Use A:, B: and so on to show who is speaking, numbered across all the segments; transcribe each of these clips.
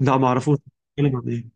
A: لا ما اعرفوش. بيتكلم عن ايه؟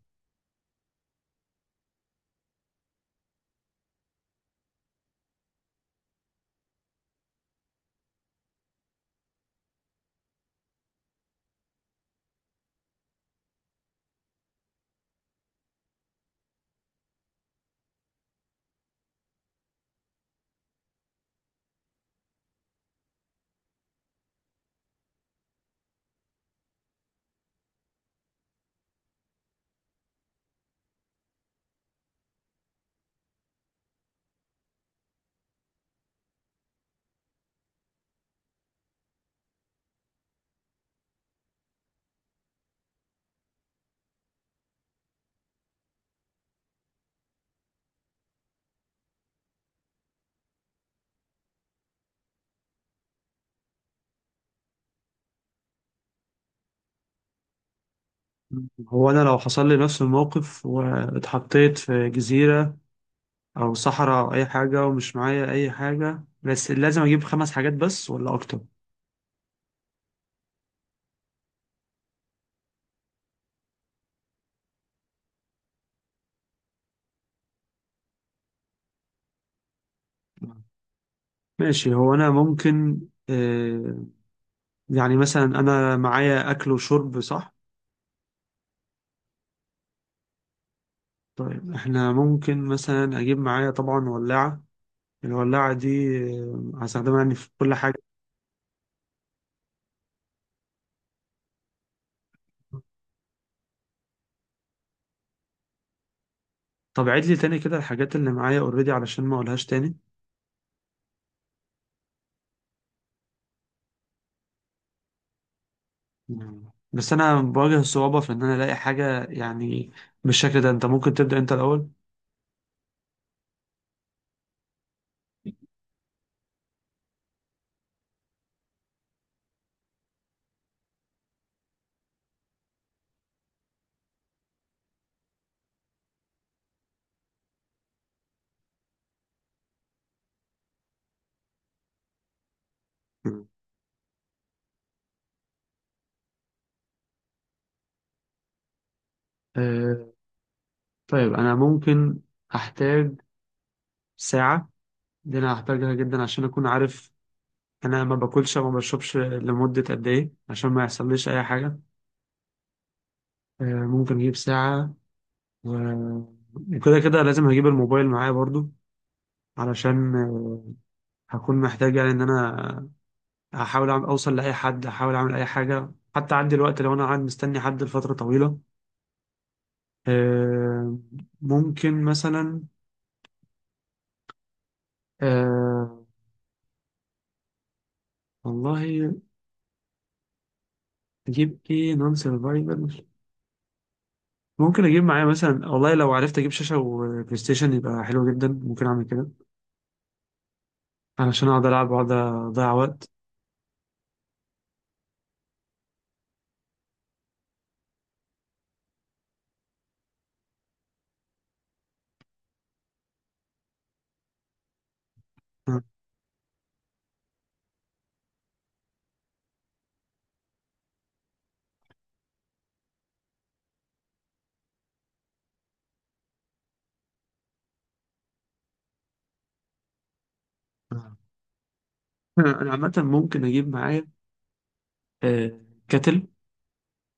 A: هو انا لو حصل لي نفس الموقف واتحطيت في جزيرة او صحراء او اي حاجة ومش معايا اي حاجة، بس لازم اجيب خمس حاجات بس ولا اكتر؟ ماشي، هو انا ممكن آه، يعني مثلا انا معايا اكل وشرب، صح؟ طيب احنا ممكن مثلا اجيب معايا طبعا ولاعة. الولاعة دي هستخدمها يعني في كل حاجة. طب عيد لي تاني كده الحاجات اللي معايا اوريدي علشان ما اقولهاش تاني. بس انا بواجه الصعوبة في ان انا الاقي حاجة يعني بالشكل ده، انت ممكن تبدأ انت الاول. مم. أه طيب انا ممكن هحتاج ساعة. دي انا هحتاجها جدا عشان اكون عارف انا ما باكلش وما بشربش لمدة قد ايه عشان ما يحصليش اي حاجة. أه، ممكن اجيب ساعة و- وكده كده لازم هجيب الموبايل معايا برضو، علشان هكون محتاج يعني ان انا اوصل لاي حد، هحاول اعمل اي حاجة حتى عندي الوقت لو انا قاعد مستني حد لفترة طويلة. آه ممكن مثلا آه والله اجيب ايه نون سرفايفل. ممكن اجيب معايا مثلا، والله لو عرفت اجيب شاشه وبلاي ستيشن يبقى حلو جدا، ممكن اعمل كده علشان اقعد العب واقعد اضيع وقت. آه. آه. انا عامه ممكن اجيب معايا آه كاتل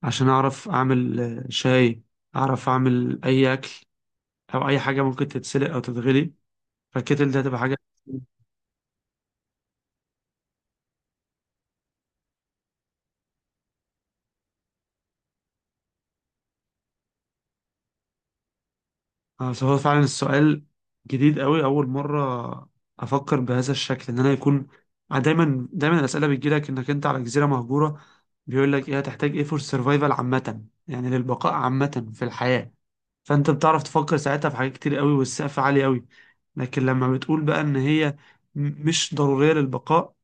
A: عشان اعرف اعمل شاي، اعرف اعمل اي اكل او اي حاجه ممكن تتسلق او تتغلي. فالكاتل ده هتبقى حاجه. فهو فعلا السؤال جديد قوي، اول مره افكر بهذا الشكل ان انا يكون دايما دايما الاسئله بتجيلك انك انت على جزيره مهجوره، بيقول لك ايه هتحتاج ايه فور سرفايفل عامه يعني للبقاء عامه في الحياه، فانت بتعرف تفكر ساعتها في حاجات كتير قوي والسقف عالي قوي. لكن لما بتقول بقى ان هي مش ضروريه للبقاء،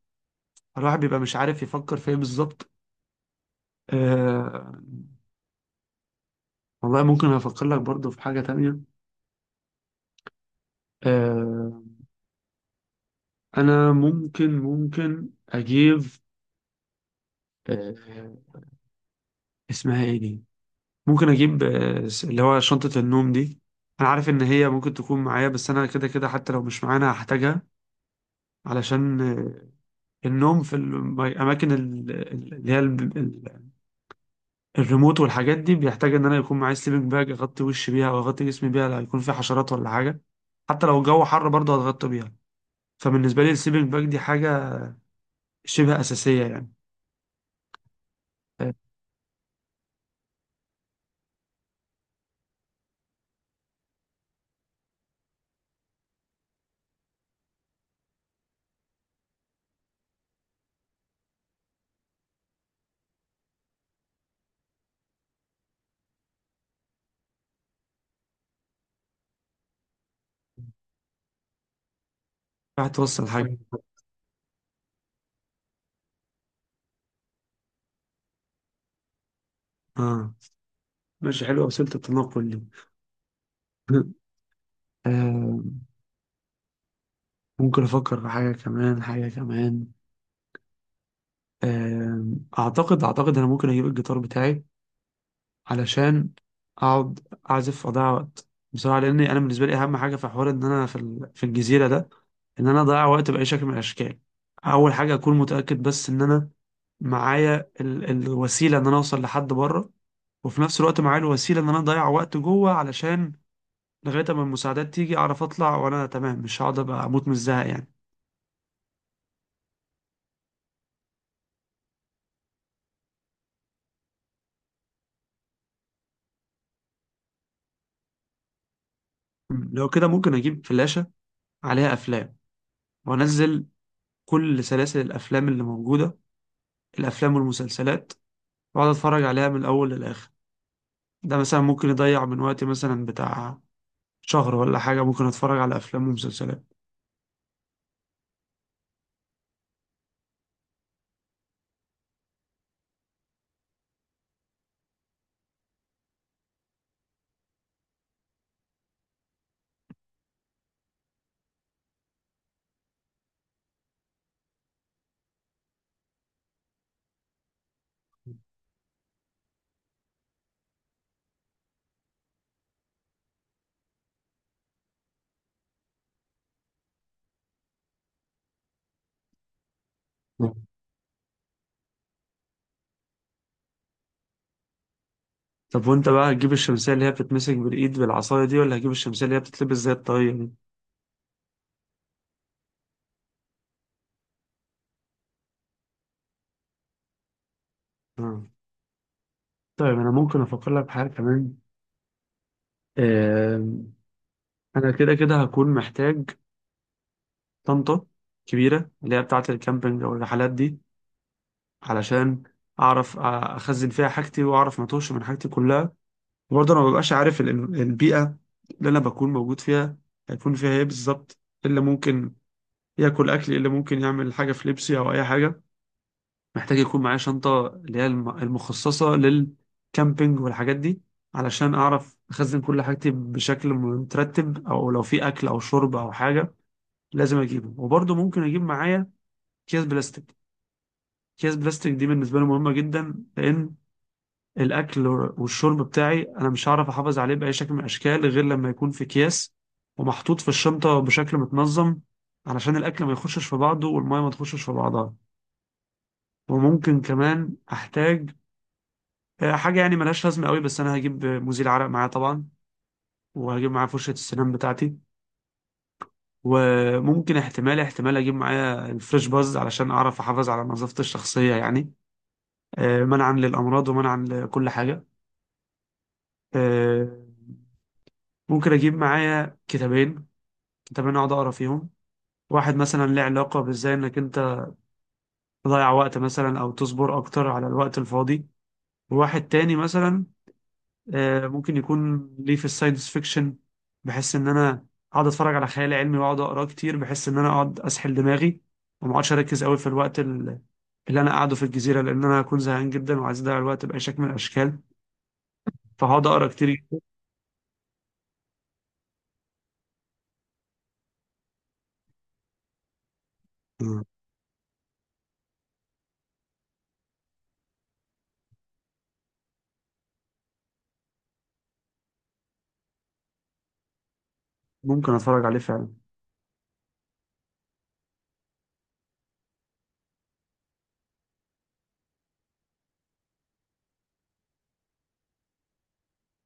A: الواحد بيبقى مش عارف يفكر في ايه بالظبط. آه والله ممكن افكر لك برضو في حاجه تانية. آه، انا ممكن اجيب آه، اسمها ايه دي؟ ممكن اجيب اللي هو شنطة النوم دي. انا عارف ان هي ممكن تكون معايا، بس انا كده كده حتى لو مش معانا هحتاجها، علشان النوم في الاماكن اللي هي الريموت والحاجات دي بيحتاج ان انا يكون معايا سليبنج باج اغطي وشي بيها او اغطي جسمي بيها لا يكون في حشرات ولا حاجة. حتى لو الجو حر برضه هتغطي بيها. فبالنسبة لي السليبنج باج دي حاجة شبه أساسية يعني. آه، راح توصل حاجة. اه، ماشي، حلوة وسيلة التنقل دي. آه، ممكن أفكر في حاجة كمان، حاجة كمان. آه، أعتقد أنا ممكن أجيب الجيتار بتاعي علشان أقعد أعزف، أضيع وقت بصراحة. لأن أنا بالنسبة لي أهم حاجة في حوار إن أنا في في الجزيرة ده إن أنا أضيع وقت بأي شكل من الأشكال. أول حاجة أكون متأكد بس إن أنا معايا الوسيلة إن أنا أوصل لحد بره، وفي نفس الوقت معايا الوسيلة إن أنا أضيع وقت جوه علشان لغاية اما المساعدات تيجي اعرف اطلع وانا تمام، مش هقعد ابقى اموت من الزهق يعني. مم. لو كده ممكن اجيب فلاشة عليها افلام، وانزل كل سلاسل الافلام اللي موجودة، الافلام والمسلسلات، واقعد اتفرج عليها من الاول للاخر. ده مثلا ممكن يضيع من وقتي مثلا بتاع شهر ولا حاجة، ممكن اتفرج على افلام ومسلسلات. مم. طب وانت بقى هتجيب الشمسية اللي هي بتتمسك بالايد بالعصاية دي، ولا هتجيب الشمسية اللي هي بتتلبس زي الطاقية دي؟ مم. طيب انا ممكن افكر لك بحاجة كمان. آم، انا كده كده هكون محتاج طنطا كبيرة اللي هي بتاعة الكامبينج أو الرحلات دي، علشان أعرف أخزن فيها حاجتي وأعرف ما أتوهش من حاجتي كلها. وبرضه أنا ما ببقاش عارف البيئة اللي أنا بكون موجود فيها هيكون فيها إيه بالظبط، إيه اللي ممكن ياكل أكل، إيه اللي ممكن يعمل حاجة في لبسي أو أي حاجة. محتاج يكون معايا شنطة اللي هي المخصصة للكامبينج والحاجات دي علشان أعرف أخزن كل حاجتي بشكل مترتب، أو لو في أكل أو شرب أو حاجة لازم أجيبه. وبرضه ممكن أجيب معايا أكياس بلاستيك. اكياس بلاستيك دي بالنسبه لي مهمه جدا، لان الاكل والشرب بتاعي انا مش هعرف احافظ عليه باي شكل من الاشكال غير لما يكون في اكياس ومحطوط في الشنطه بشكل متنظم، علشان الاكل ما يخشش في بعضه والميه ما تخشش في بعضها. وممكن كمان احتاج حاجه يعني ملهاش لازمه قوي، بس انا هجيب مزيل عرق معايا طبعا، وهجيب معايا فرشه السنان بتاعتي. وممكن احتمال اجيب معايا الفريش باز علشان اعرف احافظ على نظافتي الشخصيه يعني، منعا للامراض ومنعا لكل حاجه. آه، ممكن اجيب معايا كتابين. كتابين اقعد اقرا فيهم، واحد مثلا ليه علاقة بازاي انك انت تضيع وقت مثلا او تصبر اكتر على الوقت الفاضي، وواحد تاني مثلا ممكن يكون ليه في الساينس فيكشن. بحس ان انا اقعد اتفرج على خيال علمي واقعد اقراه كتير، بحس ان انا اقعد اسحل دماغي وما اقعدش اركز قوي في الوقت اللي انا قاعده في الجزيرة، لان انا هكون زهقان جدا وعايز اضيع الوقت باي شكل من الاشكال، فهقعد اقرا كتير جدا. مم. ممكن اتفرج عليه فعلا.